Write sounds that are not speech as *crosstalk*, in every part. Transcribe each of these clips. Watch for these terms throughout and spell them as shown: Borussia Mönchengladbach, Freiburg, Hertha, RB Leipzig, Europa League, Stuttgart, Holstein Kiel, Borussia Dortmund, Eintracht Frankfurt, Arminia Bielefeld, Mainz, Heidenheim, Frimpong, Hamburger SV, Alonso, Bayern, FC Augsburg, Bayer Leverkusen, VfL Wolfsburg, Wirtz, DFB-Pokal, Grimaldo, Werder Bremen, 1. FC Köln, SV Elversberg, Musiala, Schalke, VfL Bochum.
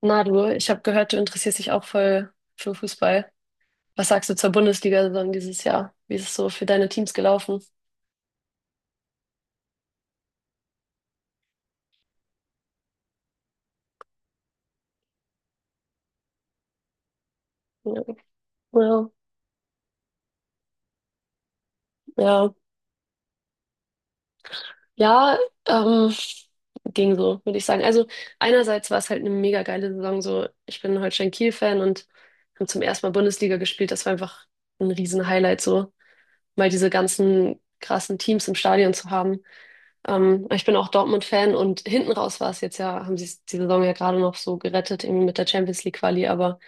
Na du, ich habe gehört, du interessierst dich auch voll für Fußball. Was sagst du zur Bundesliga-Saison dieses Jahr? Wie ist es so für deine Teams gelaufen? Ja, ja, ja, ja, ähm, ging so, würde ich sagen. Also einerseits war es halt eine mega geile Saison. So, ich bin Holstein Kiel-Fan und haben zum ersten Mal Bundesliga gespielt. Das war einfach ein riesen Highlight, so mal diese ganzen krassen Teams im Stadion zu haben. Ich bin auch Dortmund-Fan, und hinten raus war es jetzt ja, haben sie es die Saison ja gerade noch so gerettet, eben mit der Champions League Quali, aber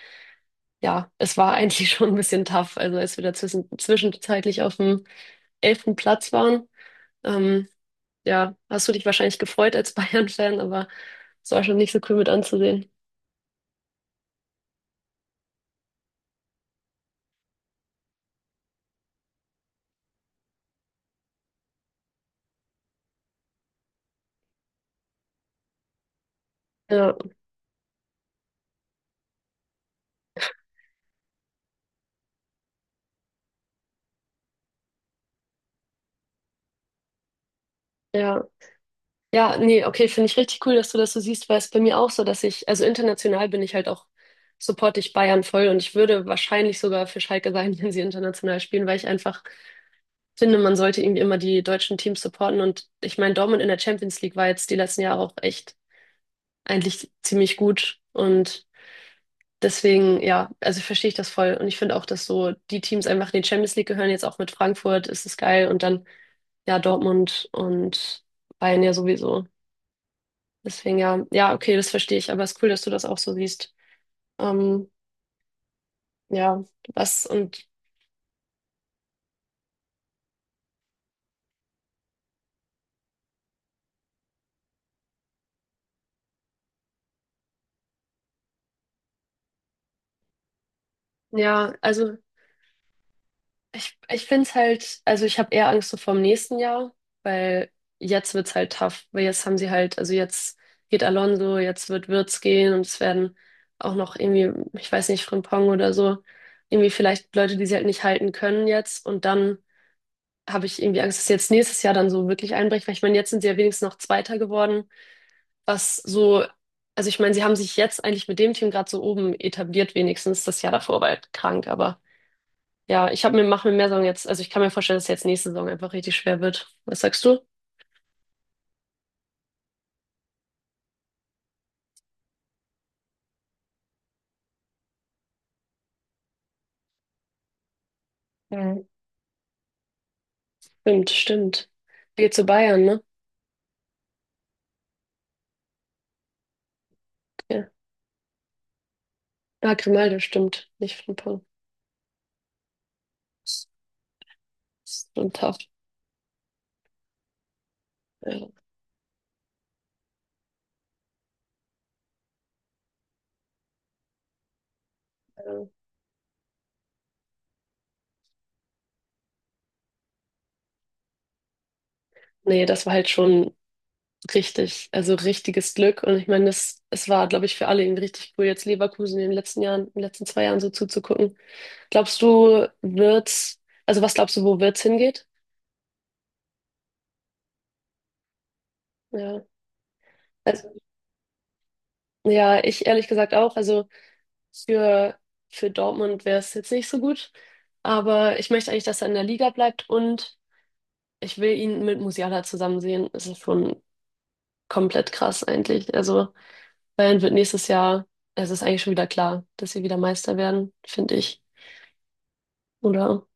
ja, es war eigentlich *laughs* schon ein bisschen tough, also als wir da zwischenzeitlich auf dem elften Platz waren. Ähm, ja, hast du dich wahrscheinlich gefreut als *laughs* Bayern-Fan, aber es war schon nicht so cool mit anzusehen. Ja, ja. Ja, nee, okay, finde ich richtig cool, dass du das so siehst, weil es bei mir auch so, dass ich, also international bin ich halt auch, supporte ich Bayern voll, und ich würde wahrscheinlich sogar für Schalke sein, *laughs* wenn sie international spielen, weil ich einfach finde, man sollte irgendwie immer die deutschen Teams supporten. Und ich meine, Dortmund in der Champions League war jetzt die letzten Jahre auch echt eigentlich ziemlich gut. Und deswegen, ja, also verstehe ich das voll. Und ich finde auch, dass so die Teams einfach in die Champions League gehören. Jetzt auch mit Frankfurt ist es geil. Und dann, ja, Dortmund und Bayern ja sowieso. Deswegen, ja, ja, okay, das verstehe ich. Aber es ist cool, dass du das auch so siehst. Ähm, ja, was und ja, also. Ich finde es halt, also ich habe eher Angst so vorm nächsten Jahr, weil jetzt wird's halt tough, weil jetzt haben sie halt, also jetzt geht Alonso, jetzt wird Wirtz gehen, und es werden auch noch irgendwie, ich weiß nicht, Frimpong oder so, irgendwie vielleicht Leute, die sie halt nicht halten können jetzt, und dann habe ich irgendwie Angst, dass jetzt nächstes Jahr dann so wirklich einbricht, weil ich meine, jetzt sind sie ja wenigstens noch Zweiter geworden, was so, also ich meine, sie haben sich jetzt eigentlich mit dem Team gerade so oben etabliert, wenigstens das Jahr davor war halt krank, aber ja, ich habe mir, mache mir mehr Sorgen jetzt. Also ich kann mir vorstellen, dass jetzt nächste Saison einfach richtig schwer wird. Was sagst du? Mhm. Stimmt, stimmt. Er geht zu Bayern, ne? Ja. Ah, Grimaldo, stimmt. Nicht Frimpong. Und Haft. Ja. Ja. Nee, das war halt schon richtig, also richtiges Glück. Und ich meine, es war, glaube ich, für alle irgendwie richtig cool, jetzt Leverkusen in den letzten Jahren, in den letzten zwei Jahren so zuzugucken. Glaubst du, wird's, also was glaubst du, wo wird's hingeht? Ja. Also, ja, ich ehrlich gesagt auch. Also Für, für Dortmund wäre es jetzt nicht so gut. Aber ich möchte eigentlich, dass er in der Liga bleibt, und ich will ihn mit Musiala zusammen sehen. Es ist schon komplett krass eigentlich. Also Bayern wird nächstes Jahr, es ist eigentlich schon wieder klar, dass sie wieder Meister werden, finde ich. Oder?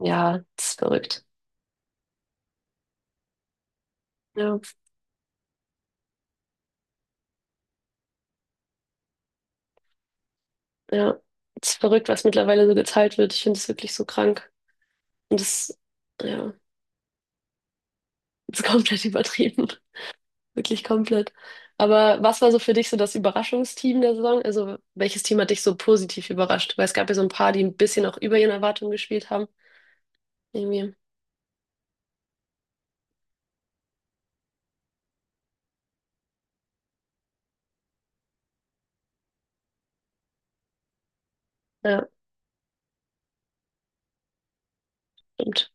Ja, es ist verrückt. Ja, ja. Es ist verrückt, was mittlerweile so geteilt wird. Ich finde es wirklich so krank. Und ja, das ist *laughs* komplett übertrieben. Wirklich komplett. Aber was war so für dich so das Überraschungsteam der Saison? Also welches Team hat dich so positiv überrascht? Weil es gab ja so ein paar, die ein bisschen auch über ihren Erwartungen gespielt haben. Irgendwie. Ja, stimmt.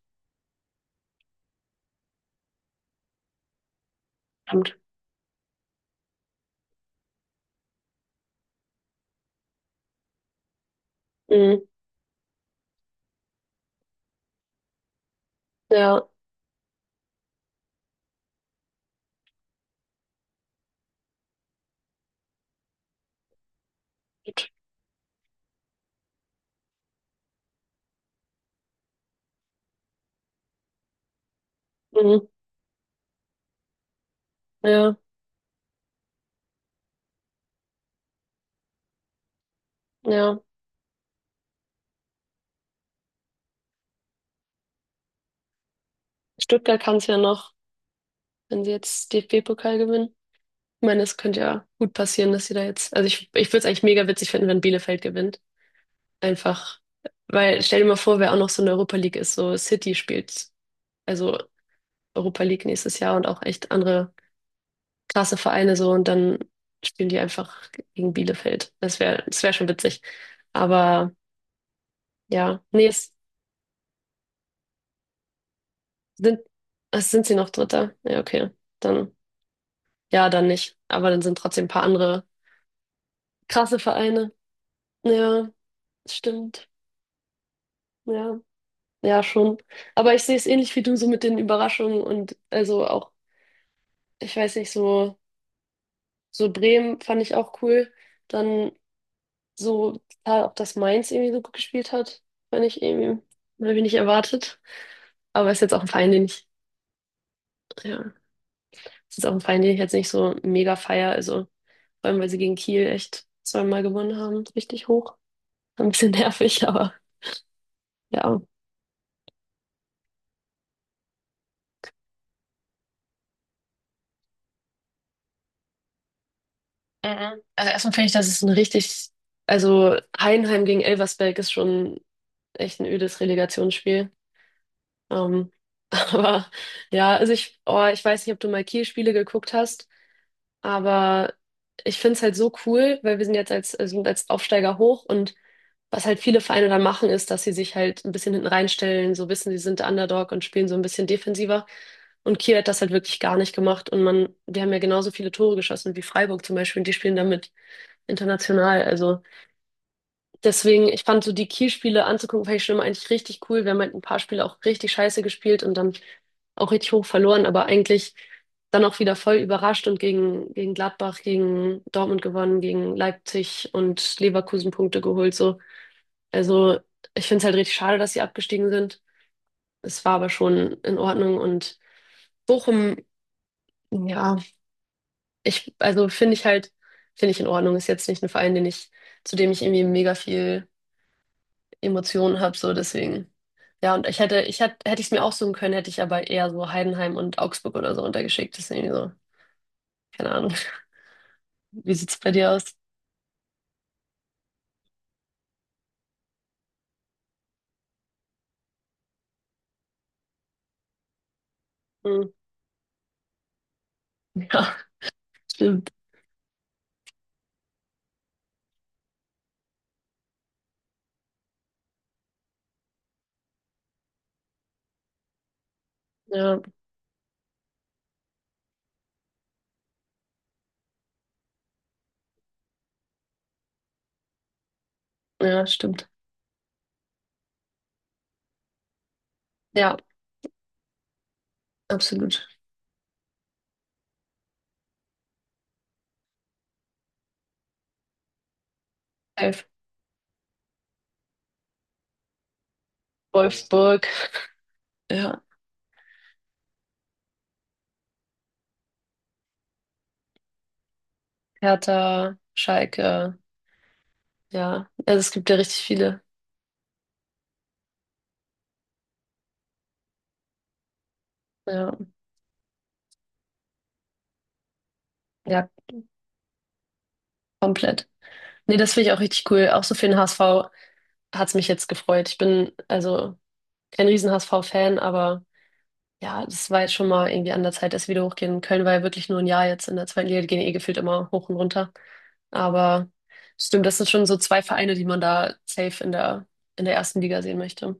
Stimmt. Mhm. Ja, stimmt. Mhm. Ja, ja. Stuttgart kann es ja noch, wenn sie jetzt DFB-Pokal gewinnen. Ich meine, es könnte ja gut passieren, dass sie da jetzt. Also ich würde es eigentlich mega witzig finden, wenn Bielefeld gewinnt. Einfach, weil stell dir mal vor, wer auch noch so in der Europa League ist, so City spielt. Also Europa League nächstes Jahr und auch echt andere krasse Vereine so, und dann spielen die einfach gegen Bielefeld. Das wäre schon witzig. Aber ja, nee, sind, es sind sie noch Dritter. Ja, okay. Dann, ja, dann nicht. Aber dann sind trotzdem ein paar andere krasse Vereine. Ja, stimmt. Ja, ja, schon. Aber ich sehe es ähnlich wie du, so mit den Überraschungen und also auch, ich weiß nicht, so, so Bremen fand ich auch cool. Dann so total, auch dass Mainz irgendwie so gut gespielt hat, fand ich irgendwie, habe ich nicht erwartet. Aber ist jetzt auch ein Verein, den ich, ja, ist jetzt auch ein Verein, den ich jetzt nicht so mega feier. Also vor allem, weil sie gegen Kiel echt zweimal gewonnen haben, richtig hoch. Ein bisschen *laughs* nervig, aber ja. Mhm. Also erstmal finde ich, das ist ein richtig, also Heidenheim gegen Elversberg ist schon echt ein ödes Relegationsspiel. Ähm, *laughs* aber ja, also ich, oh, ich weiß nicht, ob du mal Kiel-Spiele geguckt hast. Aber ich finde es halt so cool, weil wir sind jetzt als, also sind als Aufsteiger hoch, und was halt viele Vereine dann machen, ist, dass sie sich halt ein bisschen hinten reinstellen, so wissen, sie sind der Underdog und spielen so ein bisschen defensiver. Und Kiel hat das halt wirklich gar nicht gemacht. Und man, wir haben ja genauso viele Tore geschossen wie Freiburg zum Beispiel, und die spielen damit international. Also deswegen, ich fand so die Kiel-Spiele anzugucken, fand ich schon immer eigentlich richtig cool. Wir haben halt ein paar Spiele auch richtig scheiße gespielt und dann auch richtig hoch verloren, aber eigentlich dann auch wieder voll überrascht und gegen Gladbach, gegen Dortmund gewonnen, gegen Leipzig und Leverkusen Punkte geholt, so. Also, ich finde es halt richtig schade, dass sie abgestiegen sind. Es war aber schon in Ordnung. Und Bochum, ja, ich, also finde ich in Ordnung. Ist jetzt nicht ein Verein, den ich, zu dem ich irgendwie mega viel Emotionen habe, so deswegen. Ja, und hätte ich es mir aussuchen können, hätte ich aber eher so Heidenheim und Augsburg oder so untergeschickt. Deswegen so, keine Ahnung. *laughs* Wie sieht's bei dir aus? Hm. *laughs* Ja, stimmt. Ja, ja, stimmt. Ja, absolut. Safe. Wolfsburg, ja, Hertha, Schalke, ja. Also es gibt ja richtig viele. Ja, ja, komplett. Nee, das finde ich auch richtig cool. Auch so für den HSV hat's mich jetzt gefreut. Ich bin also kein Riesen-HSV-Fan, aber. Ja, das war jetzt schon mal irgendwie an der Zeit, dass wir wieder hochgehen. Köln war ja wirklich nur ein Jahr jetzt in der zweiten Liga, die gehen eh gefühlt immer hoch und runter. Aber stimmt, das sind schon so zwei Vereine, die man da safe in der ersten Liga sehen möchte.